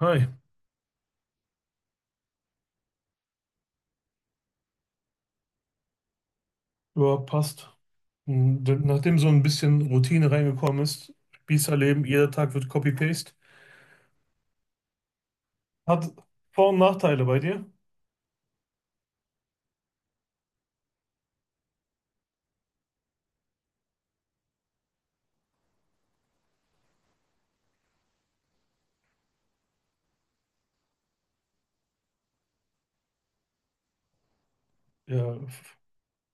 Hi, ja, passt. Nachdem so ein bisschen Routine reingekommen ist, Spießerleben, jeder Tag wird Copy-Paste, hat Vor- und Nachteile bei dir. Ja,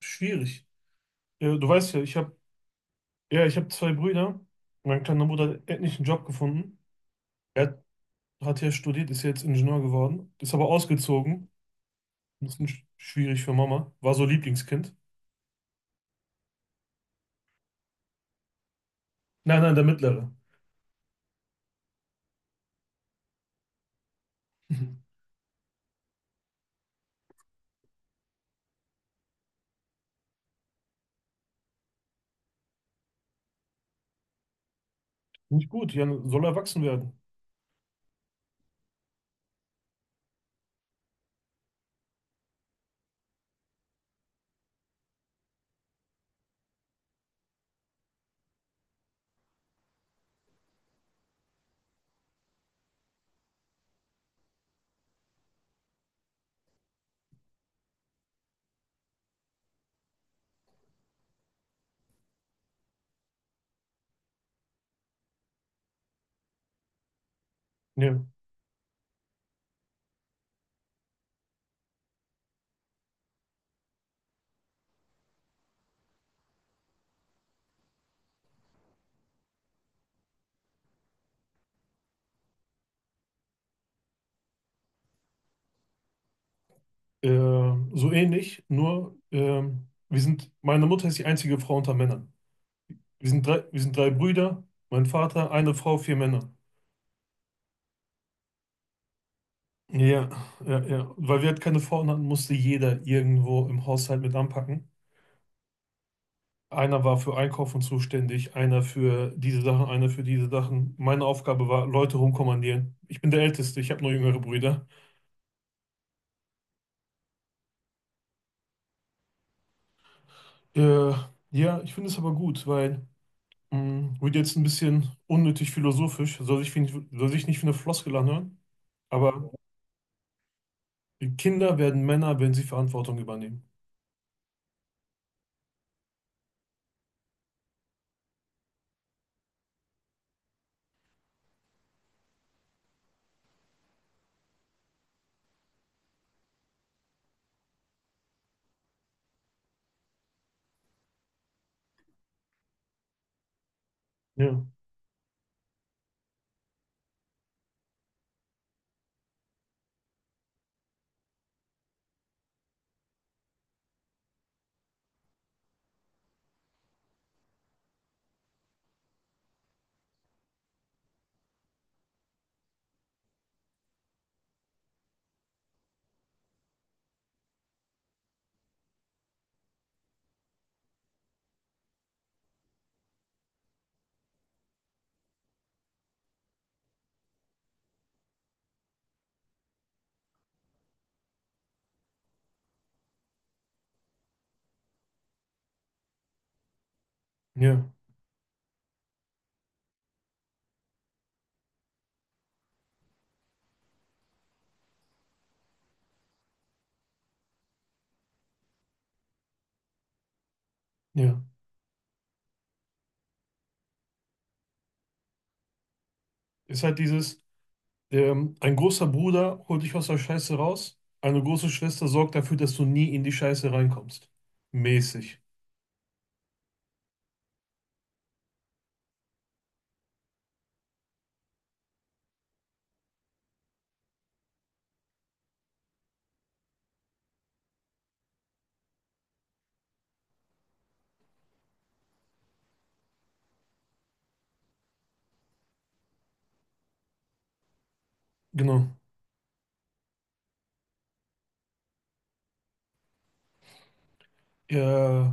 schwierig. Ja, du weißt ja, ich hab zwei Brüder. Mein kleiner Bruder hat endlich einen Job gefunden. Er hat hier studiert, ist jetzt Ingenieur geworden, ist aber ausgezogen. Ein bisschen schwierig für Mama. War so Lieblingskind. Nein, nein, der Mittlere. Nicht gut, Jan soll erwachsen werden. Ja. So ähnlich, nur wir sind, meine Mutter ist die einzige Frau unter Männern. Wir sind drei Brüder, mein Vater, eine Frau, vier Männer. Ja, ja, ja. Weil wir halt keine Frauen hatten, musste jeder irgendwo im Haushalt mit anpacken. Einer war für Einkaufen zuständig, einer für diese Sachen, einer für diese Sachen. Meine Aufgabe war, Leute rumkommandieren. Ich bin der Älteste, ich habe nur jüngere Brüder. Äh, ja, ich finde es aber gut, weil wird jetzt ein bisschen unnötig philosophisch, soll sich nicht wie eine Floskel anhören, aber Kinder werden Männer, wenn sie Verantwortung übernehmen. Ja, ja, ja. Ist halt dieses, ein großer Bruder holt dich aus der Scheiße raus, eine große Schwester sorgt dafür, dass du nie in die Scheiße reinkommst. Mäßig. Genau. Äh,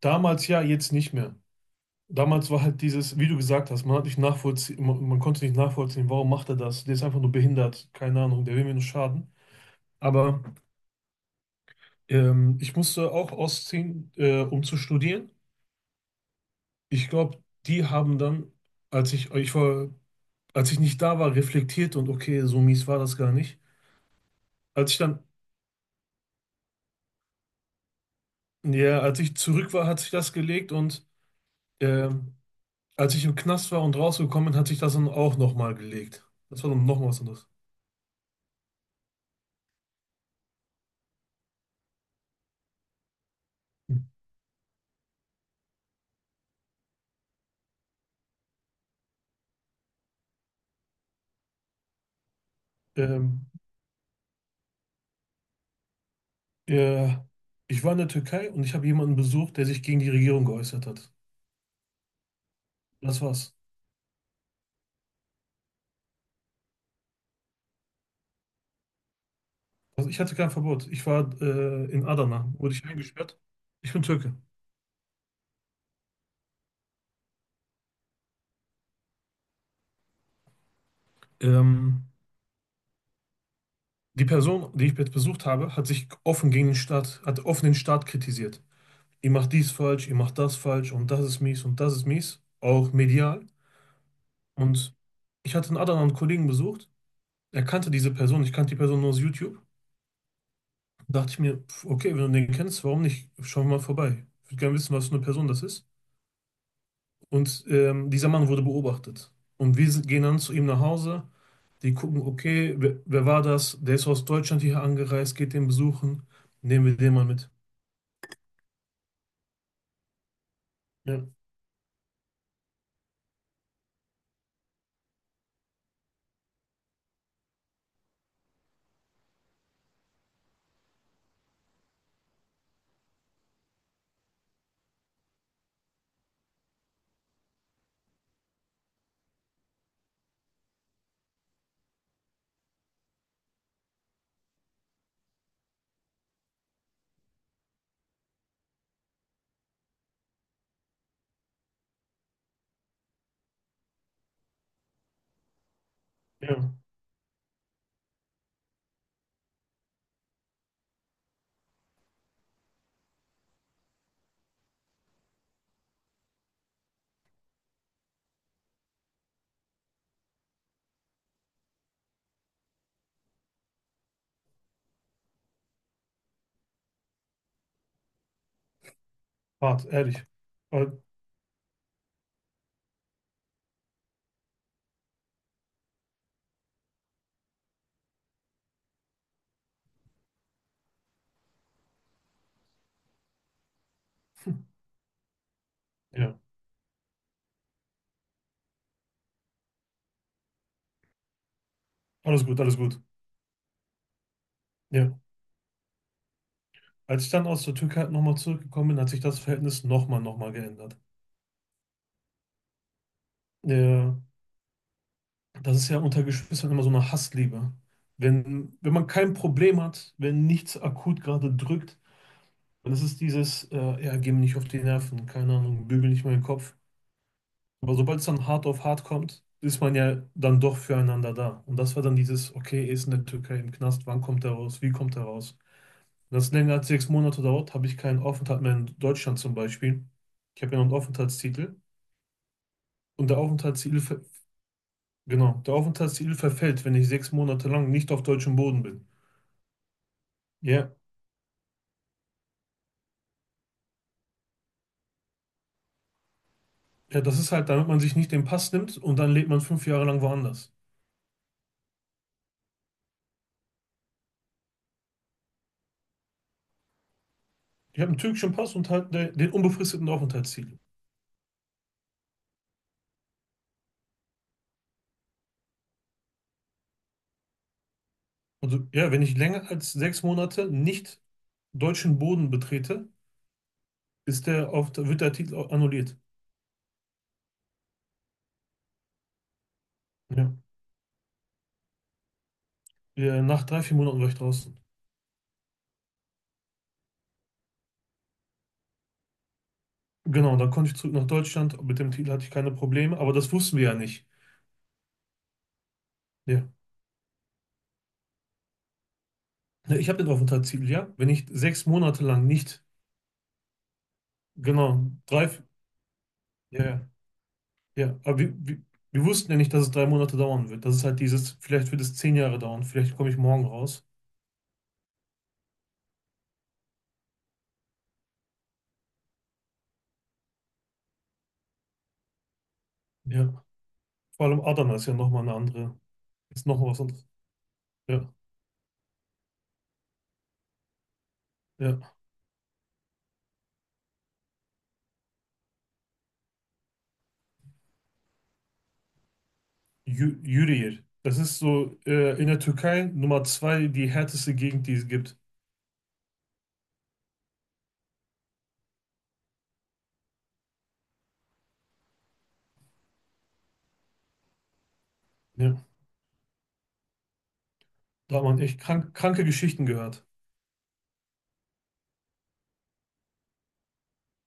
damals ja, jetzt nicht mehr. Damals war halt dieses, wie du gesagt hast, man konnte nicht nachvollziehen, warum macht er das? Der ist einfach nur behindert, keine Ahnung, der will mir nur schaden. Aber ich musste auch ausziehen, um zu studieren. Ich glaube, die haben dann, als ich, ich war, als ich nicht da war, reflektiert und okay, so mies war das gar nicht. Als ich dann, ja, als ich zurück war, hat sich das gelegt und ähm, als ich im Knast war und rausgekommen bin, hat sich das dann auch nochmal gelegt. Das war dann nochmal was anderes. Ähm, äh, ich war in der Türkei und ich habe jemanden besucht, der sich gegen die Regierung geäußert hat. Das war's. Also ich hatte kein Verbot. Ich war in Adana, wurde ich eingesperrt. Ich bin Türke. Ähm, die Person, die ich jetzt besucht habe, hat sich offen gegen den Staat, hat offen den Staat kritisiert. Ihr macht dies falsch, ihr macht das falsch und das ist mies und das ist mies. Auch medial. Und ich hatte in Adana einen Kollegen besucht. Er kannte diese Person. Ich kannte die Person nur aus YouTube. Dachte ich mir, pf, okay, wenn du den kennst, warum nicht? Schauen wir mal vorbei. Ich würde gerne wissen, was für eine Person das ist. Und dieser Mann wurde beobachtet. Und gehen dann zu ihm nach Hause. Die gucken, okay, wer war das? Der ist aus Deutschland hier angereist, geht den besuchen. Nehmen wir den mal mit. Ja, ja, hart, ehrlich. Aber, hm, ja, alles gut, alles gut. Ja. Als ich dann aus der Türkei halt nochmal zurückgekommen bin, hat sich das Verhältnis nochmal geändert. Ja, das ist ja unter Geschwistern immer so eine Hassliebe. Wenn man kein Problem hat, wenn nichts akut gerade drückt, dann ist es dieses, ja, geh mir nicht auf die Nerven, keine Ahnung, bügel nicht meinen Kopf. Aber sobald es dann hart auf hart kommt, ist man ja dann doch füreinander da. Und das war dann dieses, okay, er ist in der Türkei im Knast, wann kommt er raus, wie kommt er raus? Wenn das länger als 6 Monate dauert, habe ich keinen Aufenthalt mehr in Deutschland zum Beispiel. Ich habe ja noch einen Aufenthaltstitel. Und genau, der Aufenthaltstitel verfällt, wenn ich 6 Monate lang nicht auf deutschem Boden bin. Ja, ja, das ist halt, damit man sich nicht den Pass nimmt und dann lebt man 5 Jahre lang woanders. Ich habe einen türkischen Pass und halt den unbefristeten Aufenthaltstitel. Also ja, wenn ich länger als 6 Monate nicht deutschen Boden betrete, wird der Artikel annulliert. Ja. Ja, nach 3, 4 Monaten war ich draußen. Genau, dann konnte ich zurück nach Deutschland. Mit dem Titel hatte ich keine Probleme, aber das wussten wir ja nicht. Ja. Ja, ich habe den Aufenthaltstitel, ja. Wenn ich sechs Monate lang nicht, genau, ja, ja, ja. Aber wir wussten ja nicht, dass es 3 Monate dauern wird. Das ist halt dieses, vielleicht wird es 10 Jahre dauern, vielleicht komme ich morgen raus. Ja. Vor allem Adana ist ja nochmal eine andere, ist nochmal was anderes. Ja, ja. Yürüyer. Das ist so in der Türkei Nummer 2 die härteste Gegend, die es gibt. Ja, da hat man echt kranke Geschichten gehört.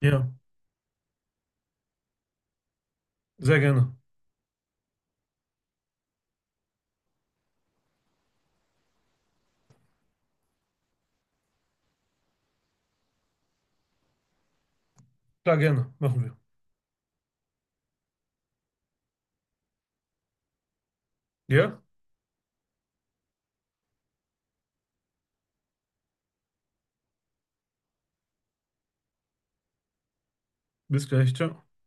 Ja, sehr gerne. Klar, gerne. Machen wir. Ja, bis gleich. Ciao.